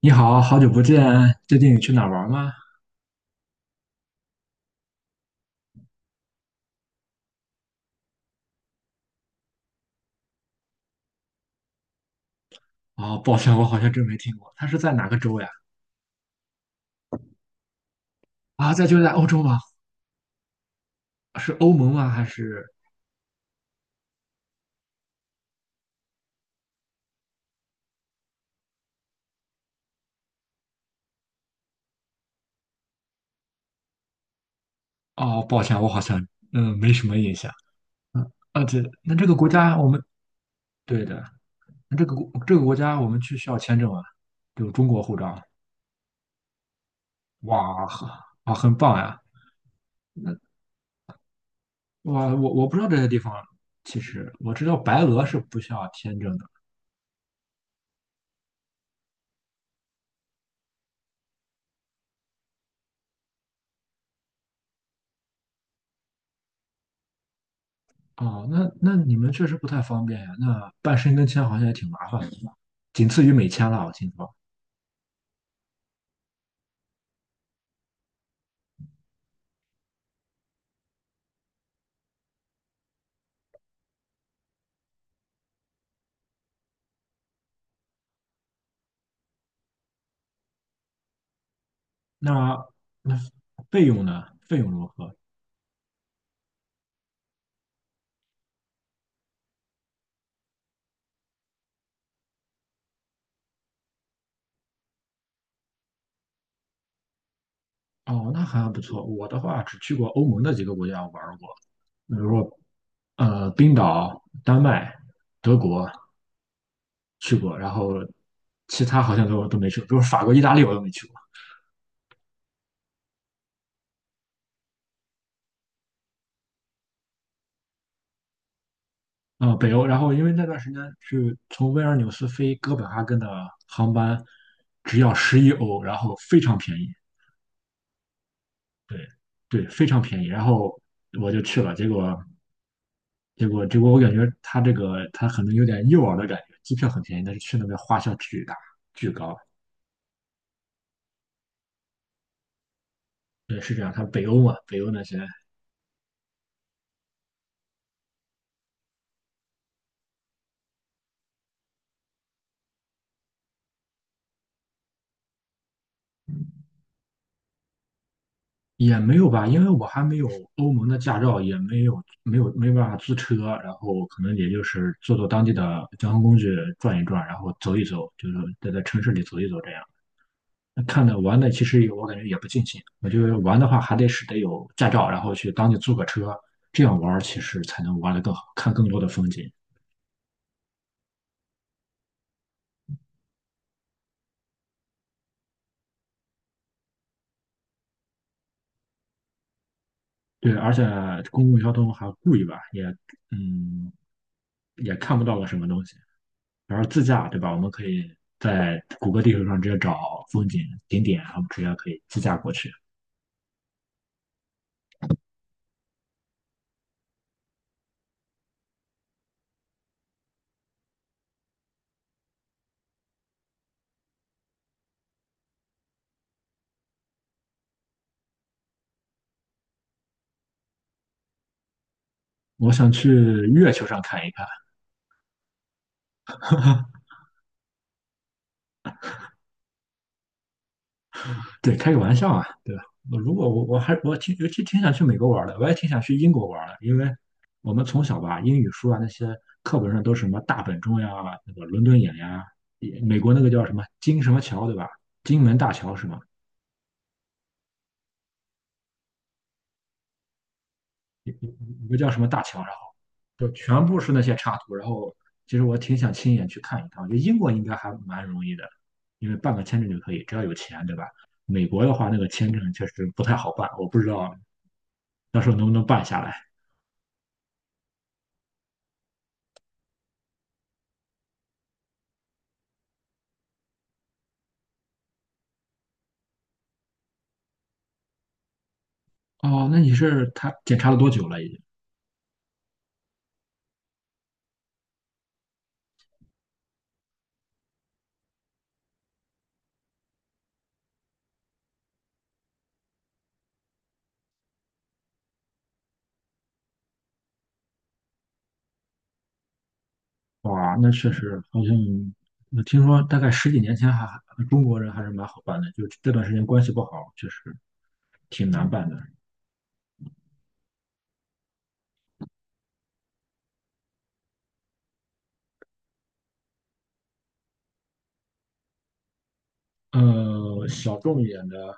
你好，好久不见，最近你去哪儿玩吗？哦，抱歉，我好像真没听过，它是在哪个州呀？啊，在就在欧洲吗？是欧盟吗？还是……哦，抱歉，我好像没什么印象。嗯，而且那这个国家我们，对的。那这个国家我们去需要签证啊，有中国护照。哇，啊，很棒呀！那我不知道这些地方，其实我知道白俄是不需要签证的。哦，那那你们确实不太方便呀。那办申根签好像也挺麻烦的，是吧？仅次于美签了，我听说。那那费用呢？费用如何？哦，那还不错。我的话只去过欧盟的几个国家玩儿过，比如说冰岛、丹麦、德国去过，然后其他好像都没去过，比如法国、意大利我都没去过。北欧。然后因为那段时间是从维尔纽斯飞哥本哈根的航班只要11欧，然后非常便宜。对，对，非常便宜。然后我就去了，结果我感觉他这个他可能有点诱饵的感觉，机票很便宜，但是去那边花销巨高。对，是这样。他北欧嘛，北欧那些也没有吧，因为我还没有欧盟的驾照，也没有,没办法租车，然后可能也就是坐坐当地的交通工具转一转，然后走一走，就是在城市里走一走这样。那看的玩的其实也我感觉也不尽兴。我觉得玩的话还得是得有驾照，然后去当地租个车，这样玩儿其实才能玩得更好，看更多的风景。对，而且公共交通还贵吧，嗯也看不到个什么东西。然后自驾对吧？我们可以在谷歌地图上直接找景点，然后直接可以自驾过去。我想去月球上看一看。对，开个玩笑啊，对吧？我如果我我还我挺尤其挺想去美国玩的，我也挺想去英国玩的。因为我们从小吧，英语书啊那些课本上都是什么大本钟呀、那个伦敦眼呀，也美国那个叫什么金什么桥对吧？金门大桥是吗？有有有个叫什么大桥，然后就全部是那些插图，然后其实我挺想亲眼去看一看。我觉得英国应该还蛮容易的，因为办个签证就可以，只要有钱对吧？美国的话，那个签证确实不太好办，我不知道到时候能不能办下来。哦，那你是他检查了多久了？已经？哇，那确实好像我听说大概十几年前中国人还是蛮好办的，就这段时间关系不好，确实挺难办的。小众一点的。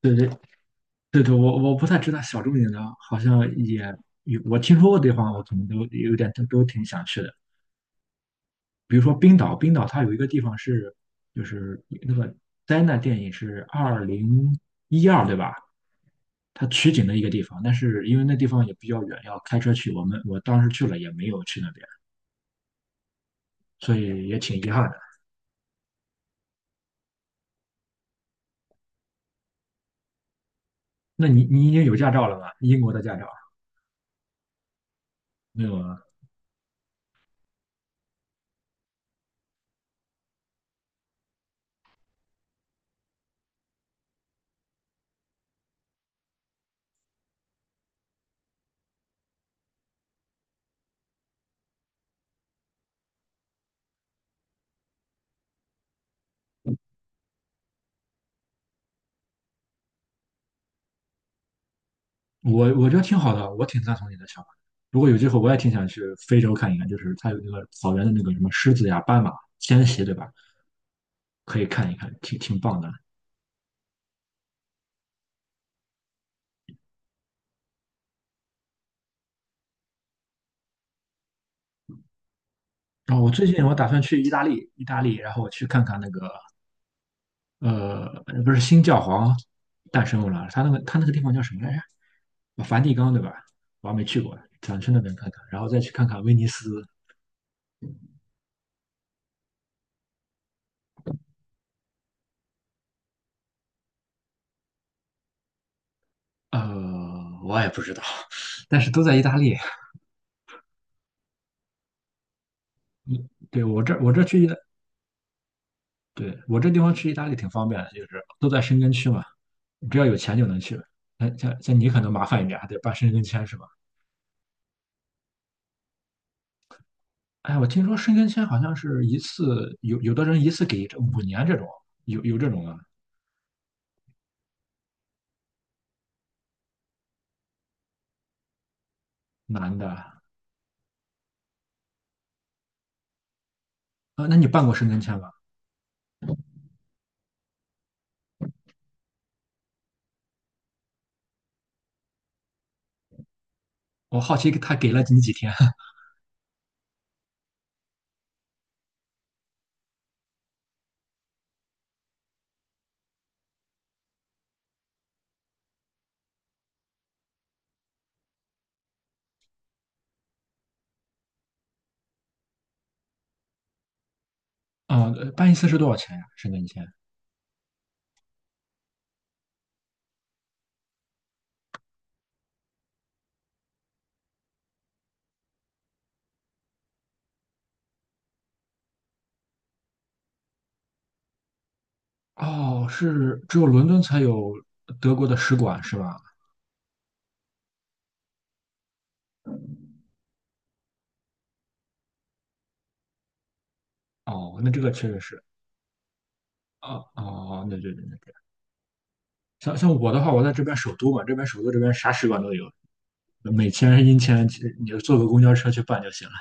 对，对，对，对，我不太知道小众一点的，好像也有我听说过的地方，我可能都有点，都挺想去的。比如说冰岛,它有一个地方是，就是那个灾难电影是2012，对吧？它取景的一个地方，但是因为那地方也比较远，要开车去。我当时去了也没有去那边，所以也挺遗憾的。那你已经有驾照了吗？英国的驾照没有啊？我觉得挺好的，我挺赞同你的想法。如果有机会，我也挺想去非洲看一看，就是它有那个草原的那个什么狮子呀、斑马迁徙，对吧？可以看一看，挺棒的。然后我最近我打算去意大利，意大利，然后我去看看那个不是新教皇诞生了，他那个地方叫什么来着？啊，梵蒂冈对吧？我还没去过，想去那边看看，然后再去看看威尼斯。呃，我也不知道，但是都在意大利。嗯，对，我这我这去意大，对，我这地方去意大利挺方便的，就是都在申根区嘛，只要有钱就能去。那像你可能麻烦一点啊，还得办申根签是吧？哎，我听说申根签好像是一次，有的人一次给这5年这种，有这种啊，男的啊。那你办过申根签吗？我好奇他给了你几天。 啊？办一次是多少钱呀、申根签？哦，是只有伦敦才有德国的使馆是吧？哦，那这个确实是。啊哦，那对，对，对，对，像我的话，我在这边首都嘛，这边首都这边啥使馆都有，美签、英签，其实你就坐个公交车去办就行了。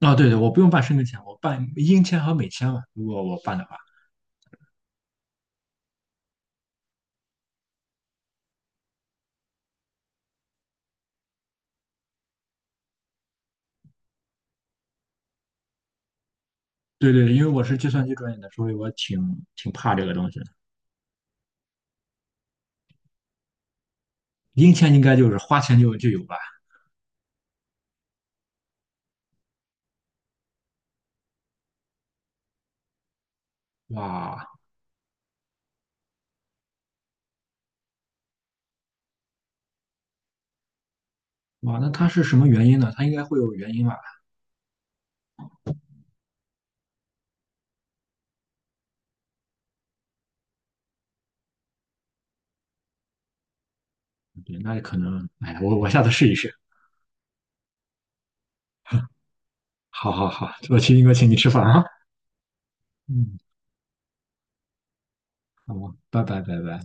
啊，对，对，我不用办申根签，我办英签和美签嘛，如果我办的话。对，对，因为我是计算机专业的，所以我挺怕这个东西的。零钱应该就是花钱就有吧？哇，哇，那它是什么原因呢？它应该会有原因吧？对，那可能，哎呀，我下次试一试。好，好，好，我请你吃饭啊。嗯，好，拜拜，拜拜。